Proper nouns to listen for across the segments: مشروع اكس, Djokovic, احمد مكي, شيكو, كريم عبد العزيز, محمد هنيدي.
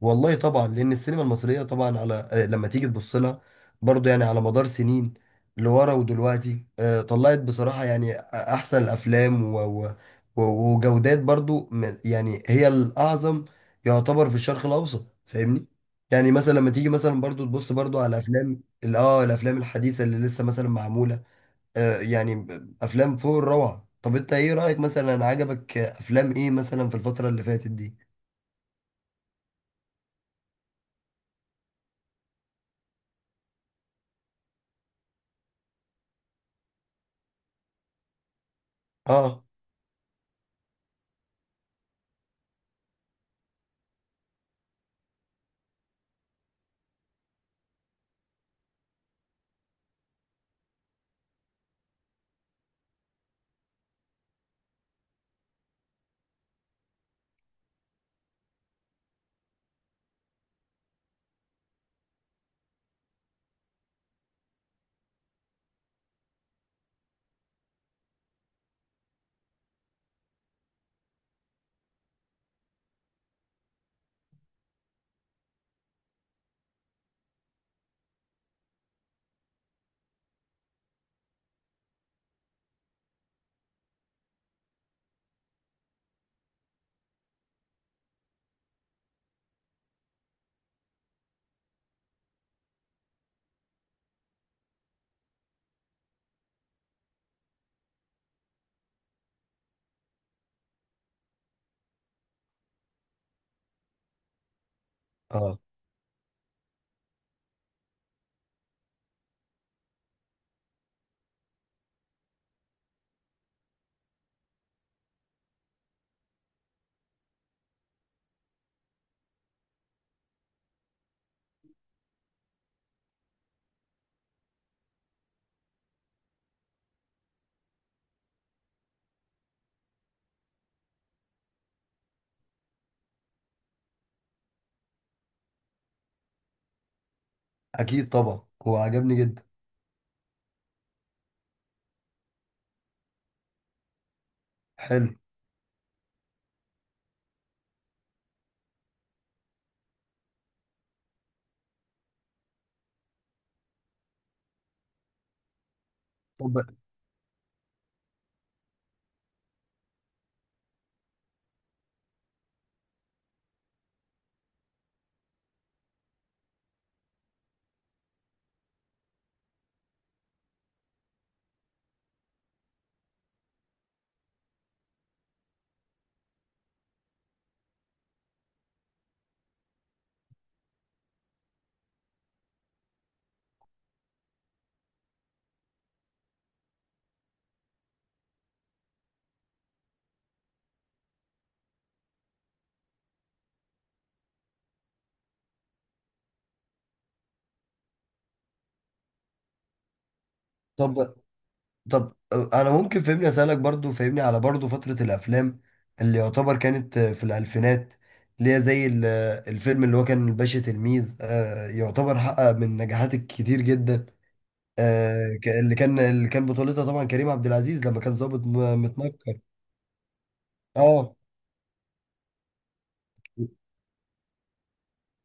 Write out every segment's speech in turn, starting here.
والله طبعا لان السينما المصريه طبعا على لما تيجي تبص لها برضه يعني على مدار سنين لورا ودلوقتي، طلعت بصراحه يعني احسن الافلام و... وجودات برضه يعني هي الاعظم يعتبر في الشرق الاوسط. فاهمني؟ يعني مثلا لما تيجي مثلا برضه تبص برضه على افلام الافلام الحديثه اللي لسه مثلا معموله، يعني افلام فوق الروعه. طب انت ايه رايك مثلا؟ عجبك افلام ايه مثلا في الفتره اللي فاتت دي؟ اه اه اكيد طبعا، هو عجبني جدا. حلو. طب طب طب انا ممكن فهمني اسالك برضو، فهمني على برضو فتره الافلام اللي يعتبر كانت في الالفينات، اللي هي زي الفيلم اللي هو كان الباشا تلميذ، يعتبر حقق من نجاحات كتير جدا. اللي كان بطولتها طبعا كريم عبد العزيز لما كان ضابط متنكر. اه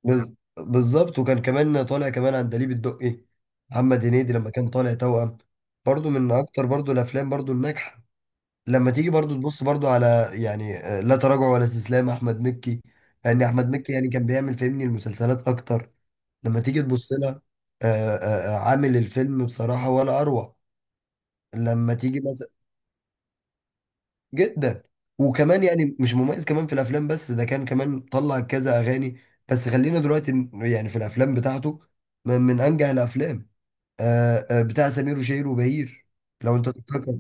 بالظبط. وكان كمان طالع كمان عندليب الدقي محمد هنيدي لما كان طالع توأم، برضو من اكتر برضو الافلام برضو الناجحه. لما تيجي برضو تبص برضو على يعني، لا تراجع ولا استسلام، احمد مكي. لان احمد مكي يعني كان بيعمل فهمني المسلسلات اكتر. لما تيجي تبص لها، عامل الفيلم بصراحة ولا اروع. لما تيجي مثلا جدا. وكمان يعني مش مميز كمان في الافلام، بس ده كان كمان طلع كذا اغاني. بس خلينا دلوقتي يعني في الافلام بتاعته، من انجح الافلام، بتاع سمير وشهير وبهير. لو انت تفتكر؟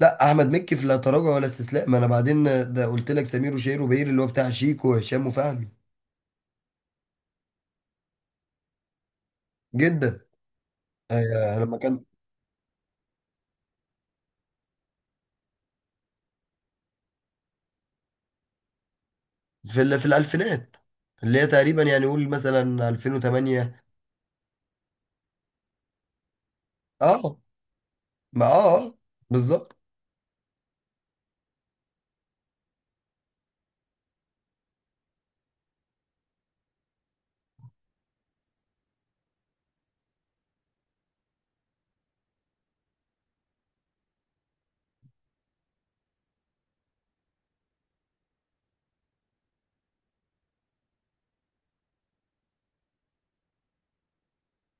لا احمد مكي في لا تراجع ولا استسلام، انا بعدين ده قلت لك سمير وشهير وبهير اللي هو بتاع شيكو وهشام وفهمي. جدا، لما كان في في الالفينات، اللي هي تقريبا يعني قول مثلا 2008. اه، ما اه بالظبط.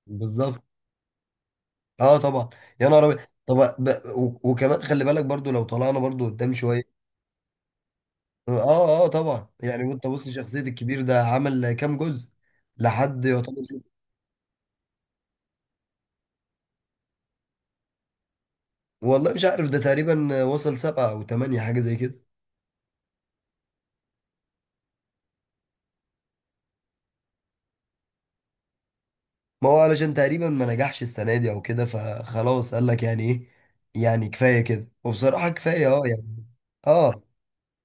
بالظبط. اه طبعا. يا نهار ابيض! طب وكمان خلي بالك برضو لو طلعنا برضو قدام شويه. اه اه آه طبعا. يعني وانت بص شخصيه الكبير ده عمل كام جزء لحد يعتبر؟ والله مش عارف، ده تقريبا وصل سبعه او ثمانيه، حاجه زي كده. ما هو علشان تقريبا ما نجحش السنة دي او كده، فخلاص قال لك يعني ايه، يعني كفاية كده. وبصراحة كفاية اه يعني. اه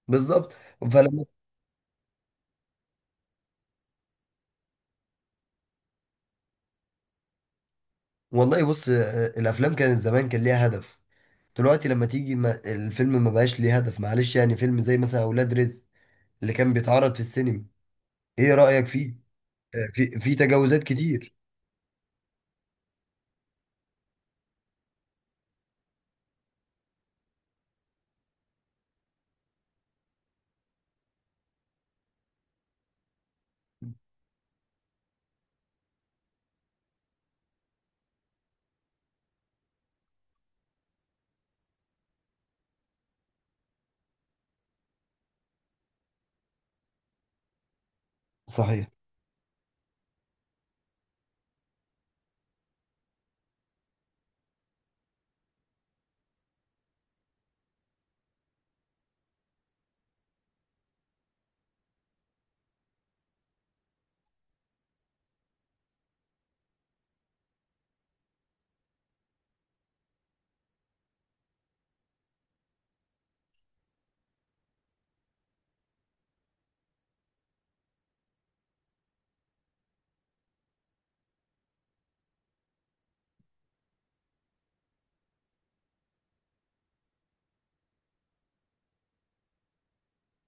بالظبط. فلما، والله بص، الافلام كانت زمان كان ليها هدف، دلوقتي لما تيجي ما الفيلم ما بقاش ليه هدف. معلش يعني فيلم زي مثلا اولاد رزق اللي كان بيتعرض في السينما، ايه رأيك فيه؟ في تجاوزات كتير. صحيح.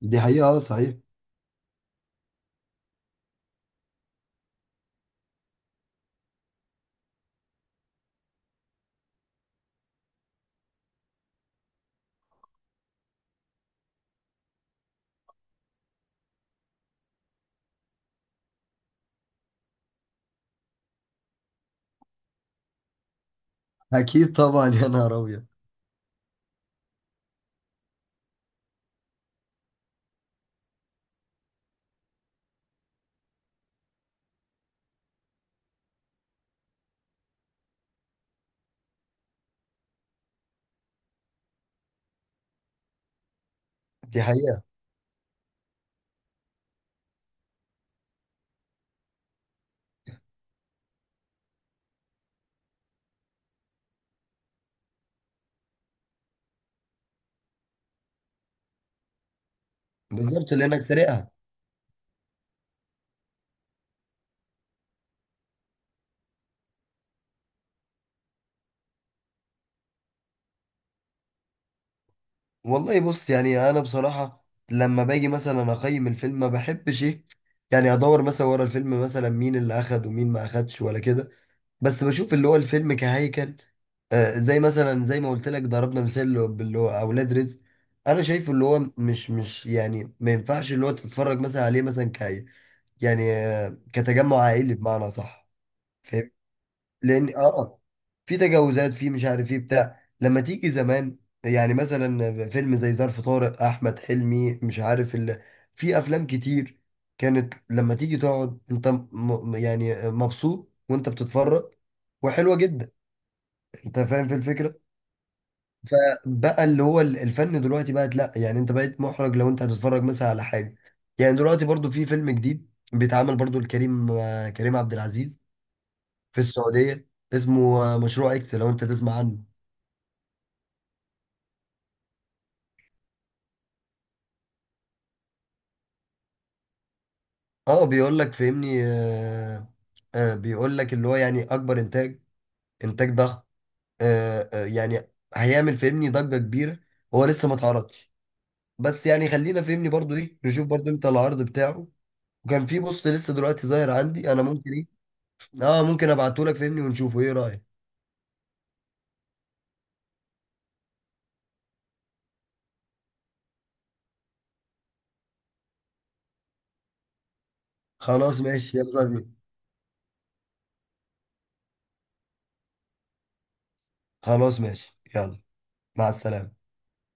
دي حقيقة، اه صحيح. اكيد طبعا. يا نهار ابيض! دي حقيقة. بالظبط، لانك سرقها. والله بص، يعني انا بصراحه لما باجي مثلا اقيم الفيلم ما بحبش ايه يعني ادور مثلا ورا الفيلم مثلا مين اللي اخد ومين ما اخدش ولا كده، بس بشوف اللي هو الفيلم كهيكل. آه، زي مثلا زي ما قلت لك، ضربنا مثال باللي هو اولاد رزق. انا شايفه اللي هو مش يعني ما ينفعش اللي هو تتفرج مثلا عليه مثلا كاي، يعني آه كتجمع عائلي، بمعنى صح؟ لان اه آه. في تجاوزات، في مش عارف ايه بتاع. لما تيجي زمان، يعني مثلا فيلم زي ظرف طارق احمد حلمي، مش عارف في افلام كتير كانت لما تيجي تقعد انت يعني مبسوط وانت بتتفرج، وحلوه جدا. انت فاهم في الفكره؟ فبقى اللي هو الفن دلوقتي بقت لا، يعني انت بقيت محرج لو انت هتتفرج مثلا على حاجه. يعني دلوقتي برضو في فيلم جديد بيتعمل برضو لكريم، كريم عبد العزيز، في السعودية، اسمه مشروع اكس. لو انت تسمع عنه؟ اه بيقول لك فهمني آه، آه بيقول لك اللي هو يعني اكبر انتاج، انتاج ضخم، آه آه يعني هيعمل فهمني ضجة كبيرة. هو لسه ما اتعرضش، بس يعني خلينا فهمني برضو ايه نشوف برضو امتى العرض بتاعه. وكان في بص لسه دلوقتي ظاهر عندي، انا ممكن ايه؟ اه ممكن ابعته لك فهمني ونشوفه، ايه رأيك؟ خلاص ماشي، يلا بينا. خلاص ماشي يلا. مع السلامة.